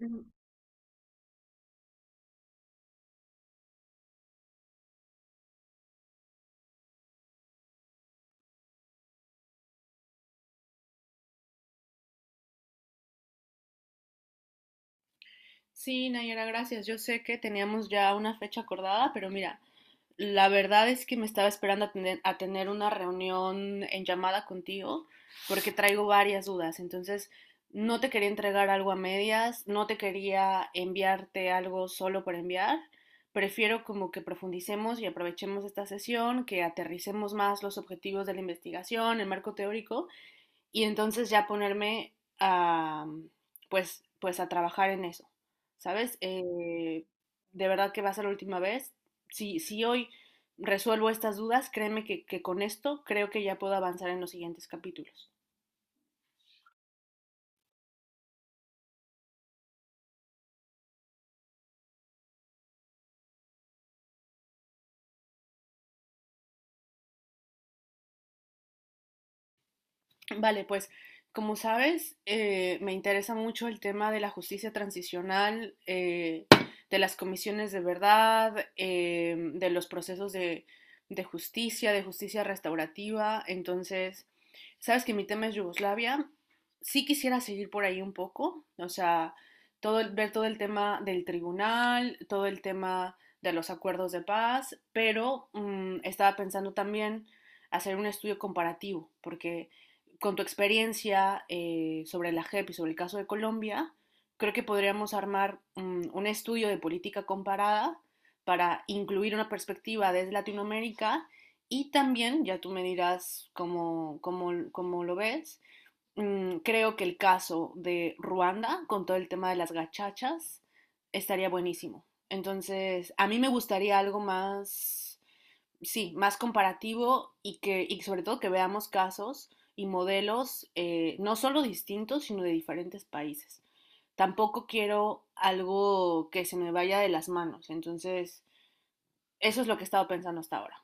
Ujú. Sí, Nayara, gracias. Yo sé que teníamos ya una fecha acordada, pero mira, la verdad es que me estaba esperando a tener una reunión en llamada contigo porque traigo varias dudas. Entonces, no te quería entregar algo a medias, no te quería enviarte algo solo por enviar. Prefiero como que profundicemos y aprovechemos esta sesión, que aterricemos más los objetivos de la investigación, el marco teórico y entonces ya ponerme a pues a trabajar en eso, ¿sabes? De verdad que va a ser la última vez. Si hoy resuelvo estas dudas, créeme que con esto creo que ya puedo avanzar en los siguientes capítulos. Vale, pues como sabes, me interesa mucho el tema de la justicia transicional, de las comisiones de verdad, de los procesos de justicia, de justicia restaurativa. Entonces, sabes que mi tema es Yugoslavia. Sí quisiera seguir por ahí un poco, o sea, ver todo el tema del tribunal, todo el tema de los acuerdos de paz, pero estaba pensando también hacer un estudio comparativo, porque con tu experiencia sobre la JEP y sobre el caso de Colombia, creo que podríamos armar un estudio de política comparada para incluir una perspectiva desde Latinoamérica y también, ya tú me dirás cómo lo ves, creo que el caso de Ruanda con todo el tema de las gachachas estaría buenísimo. Entonces, a mí me gustaría algo más sí, más comparativo y que y sobre todo que veamos casos y modelos no solo distintos, sino de diferentes países. Tampoco quiero algo que se me vaya de las manos. Entonces, eso es lo que he estado pensando hasta ahora.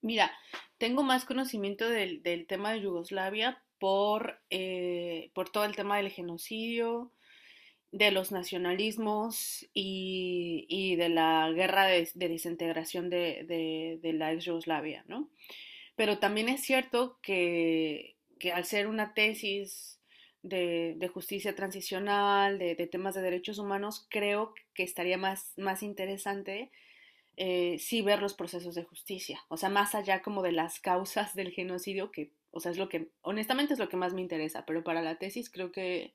Mira, tengo más conocimiento del tema de Yugoslavia por todo el tema del genocidio, de los nacionalismos y de la guerra de desintegración de la ex Yugoslavia, ¿no? Pero también es cierto que al ser una tesis de justicia transicional, de temas de derechos humanos, creo que estaría más, más interesante sí ver los procesos de justicia, o sea, más allá como de las causas del genocidio, que, o sea, es lo que, honestamente es lo que más me interesa, pero para la tesis creo que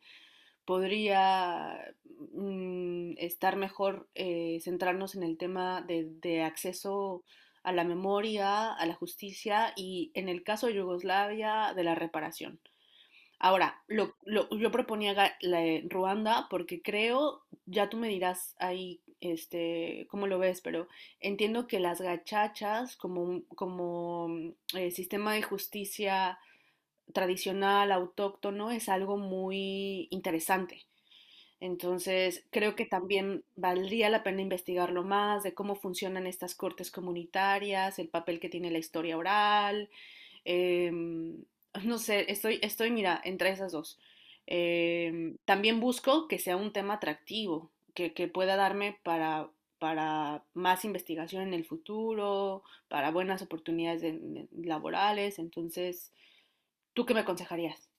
podría estar mejor centrarnos en el tema de acceso a la memoria, a la justicia y en el caso de Yugoslavia, de la reparación. Ahora, yo proponía la de Ruanda porque creo, ya tú me dirás ahí, este, cómo lo ves, pero entiendo que las gachachas como sistema de justicia tradicional, autóctono, es algo muy interesante. Entonces, creo que también valdría la pena investigarlo más de cómo funcionan estas cortes comunitarias, el papel que tiene la historia oral. em, no sé, mira, entre esas dos. También busco que sea un tema atractivo, que pueda darme para más investigación en el futuro, para buenas oportunidades en laborales. Entonces, ¿tú qué me aconsejarías?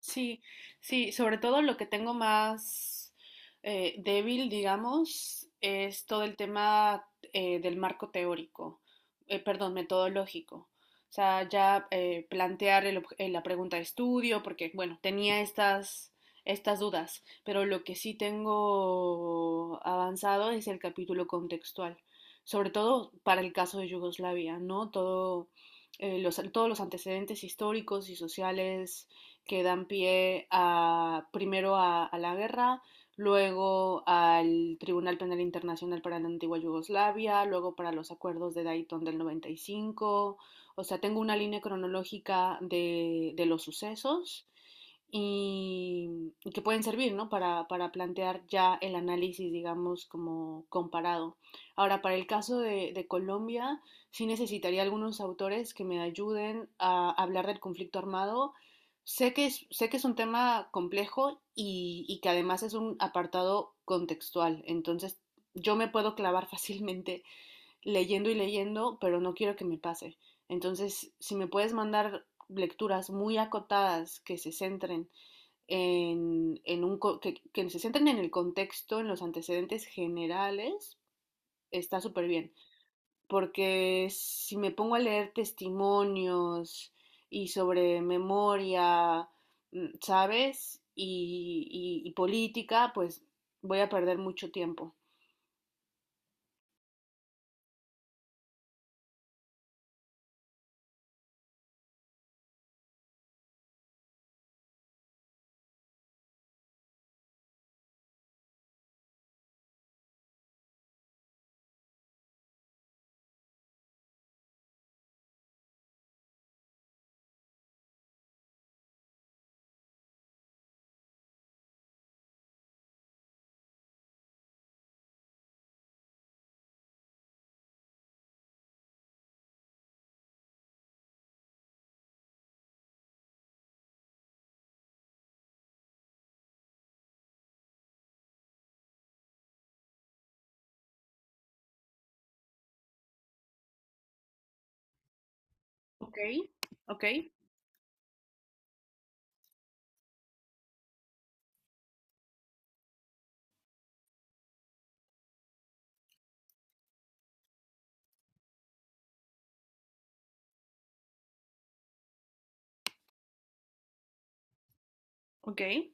Sí, sí, sobre todo lo que tengo más débil, digamos, es todo el tema del marco teórico, perdón, metodológico. O sea, ya plantear la pregunta de estudio, porque, bueno, tenía estas dudas, pero lo que sí tengo avanzado es el capítulo contextual, sobre todo para el caso de Yugoslavia, ¿no? Todo, todos los antecedentes históricos y sociales que dan pie a, primero a la guerra, luego al Tribunal Penal Internacional para la antigua Yugoslavia, luego para los acuerdos de Dayton del 95. O sea, tengo una línea cronológica de los sucesos y que pueden servir, ¿no? Para plantear ya el análisis, digamos, como comparado. Ahora, para el caso de Colombia, sí necesitaría algunos autores que me ayuden a hablar del conflicto armado. Sé que es un tema complejo y que además es un apartado contextual, entonces yo me puedo clavar fácilmente leyendo y leyendo, pero no quiero que me pase. Entonces, si me puedes mandar lecturas muy acotadas que se centren en, que se centren en el contexto, en los antecedentes generales, está súper bien porque si me pongo a leer testimonios y sobre memoria, ¿sabes? Y política, pues voy a perder mucho tiempo. Ok, ok, ok.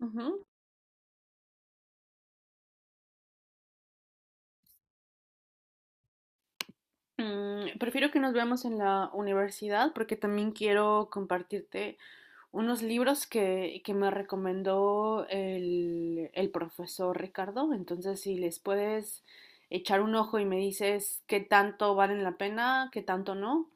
Ujú. Prefiero que nos veamos en la universidad porque también quiero compartirte unos libros que me recomendó el profesor Ricardo. Entonces, si les puedes echar un ojo y me dices qué tanto valen la pena, qué tanto no,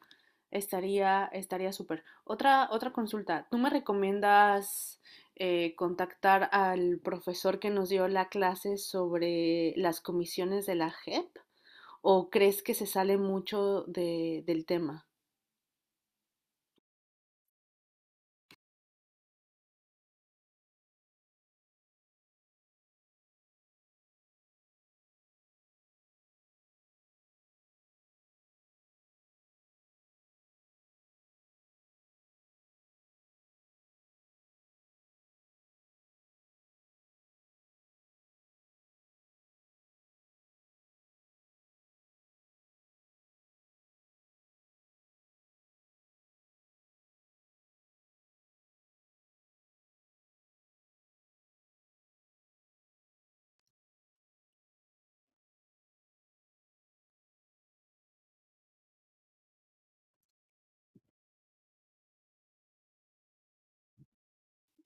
estaría súper. Otra consulta. ¿Tú me recomiendas contactar al profesor que nos dio la clase sobre las comisiones de la JEP? ¿O crees que se sale mucho del tema?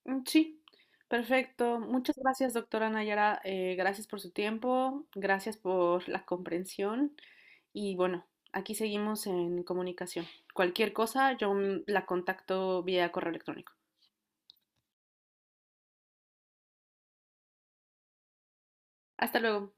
Sí, perfecto. Muchas gracias, doctora Nayara. Gracias por su tiempo, gracias por la comprensión. Y bueno, aquí seguimos en comunicación. Cualquier cosa, yo la contacto vía correo electrónico. Hasta luego.